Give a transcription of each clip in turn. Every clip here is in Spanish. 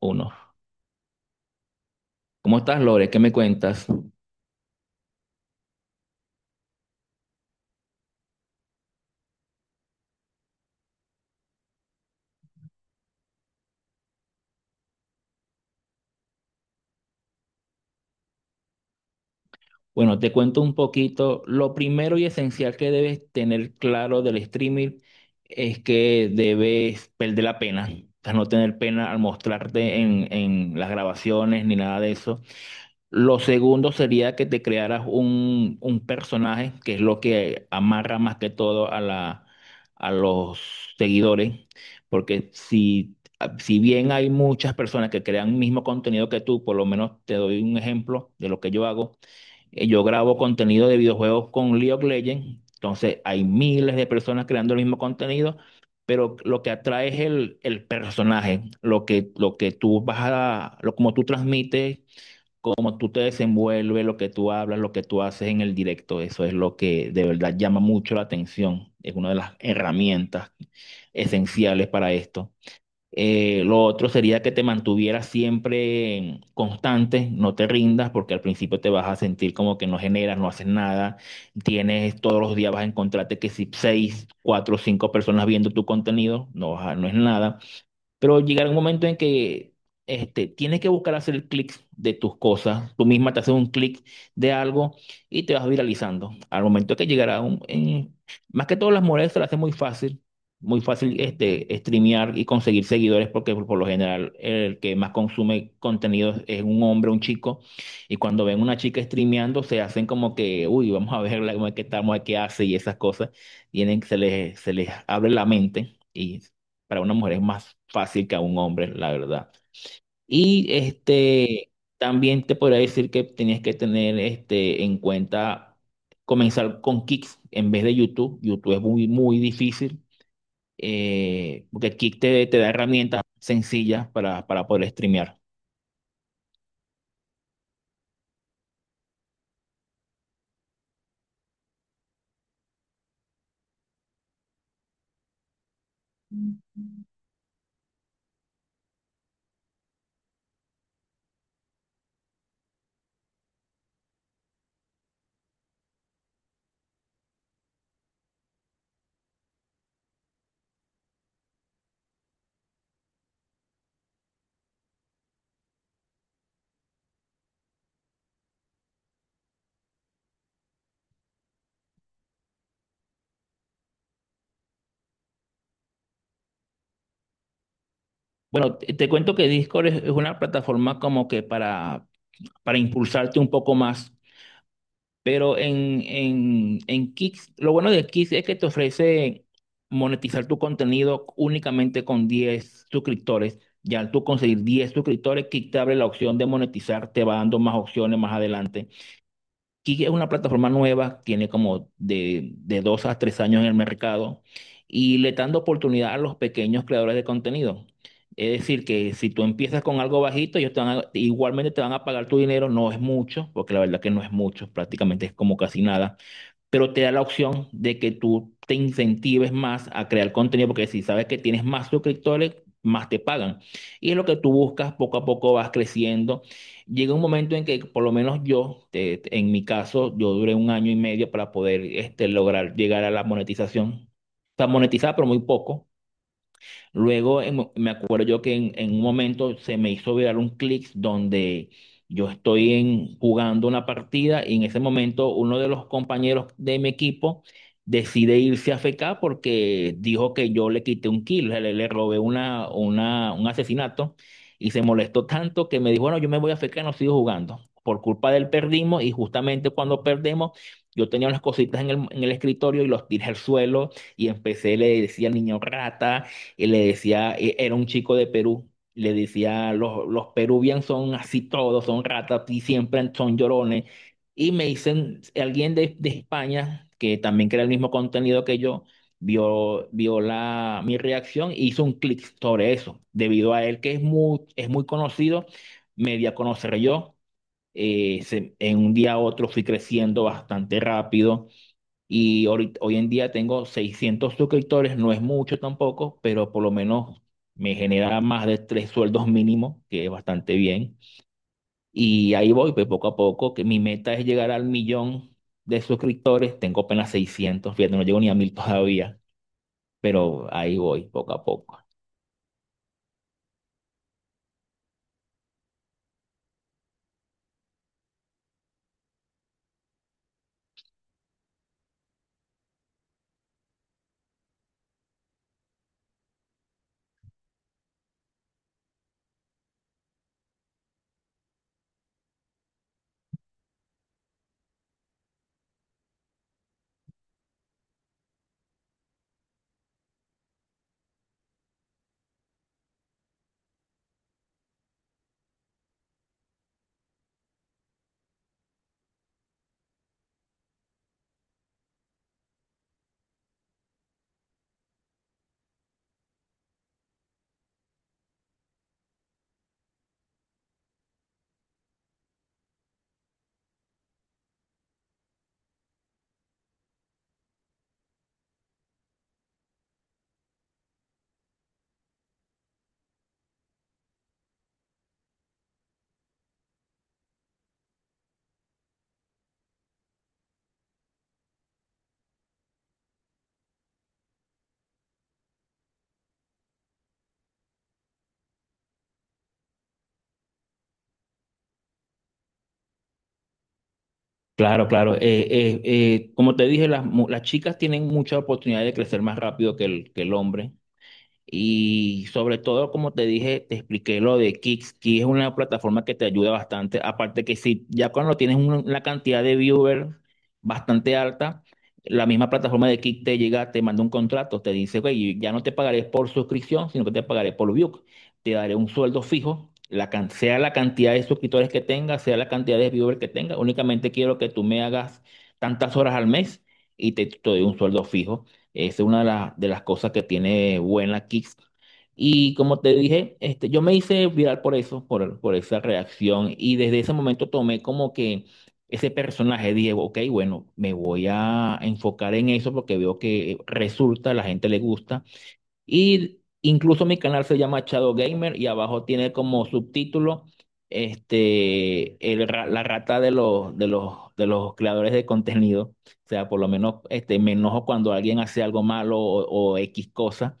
Uno. ¿Cómo estás, Lore? ¿Qué me cuentas? Bueno, te cuento un poquito. Lo primero y esencial que debes tener claro del streaming es que debes perder la pena. O sea, no tener pena al mostrarte en las grabaciones ni nada de eso. Lo segundo sería que te crearas un personaje, que es lo que amarra más que todo a los seguidores, porque si bien hay muchas personas que crean el mismo contenido que tú, por lo menos te doy un ejemplo de lo que yo hago. Yo grabo contenido de videojuegos con League of Legends, entonces hay miles de personas creando el mismo contenido, pero lo que atrae es el personaje, lo que tú vas a, lo, como tú transmites, cómo tú te desenvuelves, lo que tú hablas, lo que tú haces en el directo. Eso es lo que de verdad llama mucho la atención. Es una de las herramientas esenciales para esto. Lo otro sería que te mantuvieras siempre constante, no te rindas, porque al principio te vas a sentir como que no generas, no haces nada. Tienes, todos los días vas a encontrarte que si seis, cuatro, cinco personas viendo tu contenido, no, no es nada. Pero llegará un momento en que tienes que buscar hacer el clic de tus cosas. Tú misma te haces un clic de algo y te vas viralizando. Al momento que llegará un... en- más que todo las mujeres se las hace muy fácil, muy fácil, streamear y conseguir seguidores, porque por lo general el que más consume contenido es un hombre, un chico. Y cuando ven una chica streameando se hacen como que, uy, vamos a verla, cómo es que estamos, qué hace y esas cosas. Se les abre la mente. Y para una mujer es más fácil que a un hombre, la verdad. Y también te podría decir que tenías que tener en cuenta comenzar con Kicks en vez de YouTube. YouTube es muy, muy difícil, porque Kick te da herramientas sencillas para poder streamear. Bueno, te cuento que Discord es una plataforma como que para impulsarte un poco más. Pero en Kick, lo bueno de Kick es que te ofrece monetizar tu contenido únicamente con 10 suscriptores. Ya al tú conseguir 10 suscriptores, Kick te abre la opción de monetizar, te va dando más opciones más adelante. Kik es una plataforma nueva, tiene como de 2 a 3 años en el mercado y le están dando oportunidad a los pequeños creadores de contenido. Es decir, que si tú empiezas con algo bajito, ellos igualmente te van a pagar tu dinero, no es mucho, porque la verdad que no es mucho, prácticamente es como casi nada. Pero te da la opción de que tú te incentives más a crear contenido, porque si sabes que tienes más suscriptores, más te pagan. Y es lo que tú buscas, poco a poco vas creciendo. Llega un momento en que, por lo menos yo, en mi caso, yo duré un año y medio para poder, lograr llegar a la monetización. O sea, monetizar, pero muy poco. Luego, me acuerdo yo que en un momento se me hizo viral un clic donde yo estoy jugando una partida y en ese momento uno de los compañeros de mi equipo decide irse a fecar porque dijo que yo le quité un kill, le robé un asesinato, y se molestó tanto que me dijo, bueno, yo me voy a fecar, no sigo jugando. Por culpa de él perdimos y justamente cuando perdemos yo tenía unas cositas en el escritorio y los tiré al suelo y empecé, le decía niño rata y le decía, era un chico de Perú. Le decía, los peruvianos son así todos, son ratas y siempre son llorones. Y me dicen, alguien de España, que también crea el mismo contenido que yo, vio mi reacción e hizo un clic sobre eso. Debido a él, que es muy conocido, me di a conocer yo. En un día a otro fui creciendo bastante rápido y hoy en día tengo 600 suscriptores, no es mucho tampoco, pero por lo menos me genera más de tres sueldos mínimos, que es bastante bien. Y ahí voy, pues poco a poco, que mi meta es llegar al millón de suscriptores. Tengo apenas 600, fíjate, no llego ni a 1000 todavía, pero ahí voy, poco a poco. Claro, claro. Como te dije, las chicas tienen mucha oportunidad de crecer más rápido que el hombre. Y sobre todo, como te dije, te expliqué lo de Kicks. Kicks es una plataforma que te ayuda bastante. Aparte que si ya cuando tienes una cantidad de viewers bastante alta, la misma plataforma de Kicks te llega, te manda un contrato, te dice, güey, ya no te pagaré por suscripción, sino que te pagaré por view. Te daré un sueldo fijo, sea la cantidad de suscriptores que tengas, sea la cantidad de viewers que tengas. Únicamente quiero que tú me hagas tantas horas al mes y te doy un sueldo fijo. Es una de las cosas que tiene buena Kicks. Y como te dije, yo me hice viral por eso, por esa reacción. Y desde ese momento tomé como que ese personaje, dije, ok, bueno, me voy a enfocar en eso porque veo que resulta, a la gente le gusta. Y incluso mi canal se llama Shadow Gamer y abajo tiene como subtítulo, la rata de los creadores de contenido. O sea, por lo menos, me enojo cuando alguien hace algo malo o X cosa.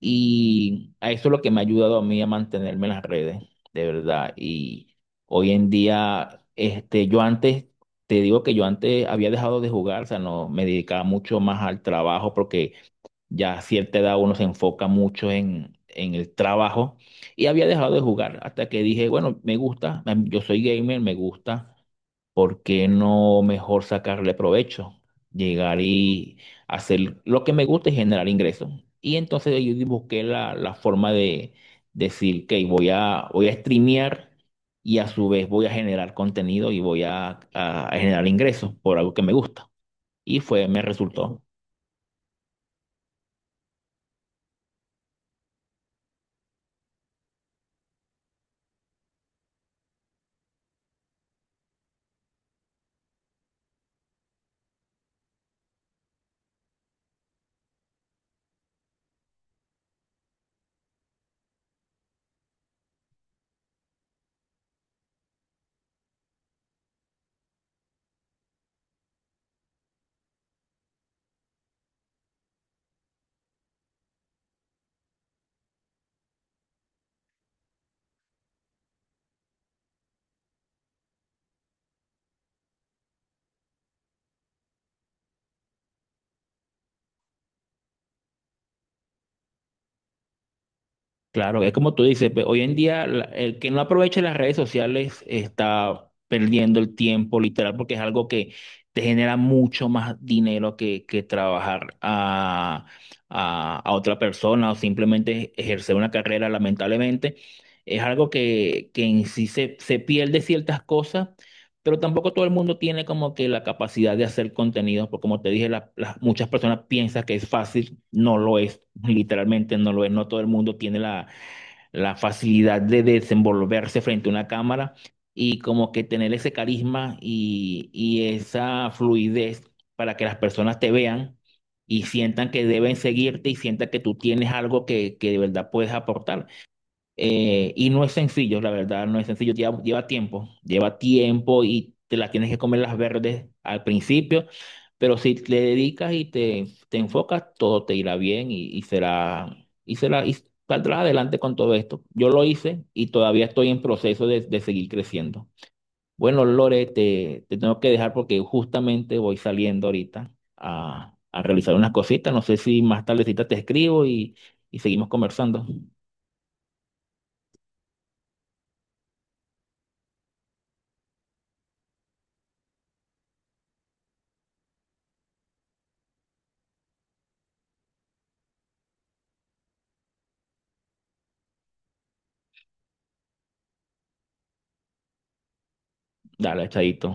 Y a eso es lo que me ha ayudado a mí a mantenerme en las redes, de verdad. Y hoy en día, te digo que yo antes había dejado de jugar, o sea, no, me dedicaba mucho más al trabajo porque ya a cierta edad uno se enfoca mucho en el trabajo y había dejado de jugar hasta que dije, bueno, me gusta, yo soy gamer, me gusta, ¿por qué no mejor sacarle provecho? Llegar y hacer lo que me gusta y generar ingresos. Y entonces yo busqué la forma de decir que voy a, streamear y a su vez voy a generar contenido y voy a generar ingresos por algo que me gusta. Me resultó. Claro, es como tú dices, hoy en día, el que no aproveche las redes sociales está perdiendo el tiempo, literal, porque es algo que te genera mucho más dinero que trabajar a otra persona o simplemente ejercer una carrera, lamentablemente. Es algo que en sí, se pierde ciertas cosas, pero tampoco todo el mundo tiene como que la capacidad de hacer contenidos, porque como te dije, muchas personas piensan que es fácil. No lo es, literalmente no lo es, no todo el mundo tiene la facilidad de desenvolverse frente a una cámara y como que tener ese carisma y esa fluidez para que las personas te vean y sientan que deben seguirte y sientan que tú tienes algo que de verdad puedes aportar. Y no es sencillo, la verdad, no es sencillo, lleva tiempo, lleva tiempo y te las tienes que comer las verdes al principio, pero si le dedicas y te enfocas, todo te irá bien y será, y saldrás adelante con todo esto. Yo lo hice y todavía estoy en proceso de seguir creciendo. Bueno, Lore, te tengo que dejar porque justamente voy saliendo ahorita a realizar unas cositas. No sé si más tardecita te escribo y seguimos conversando. Dale, chaito.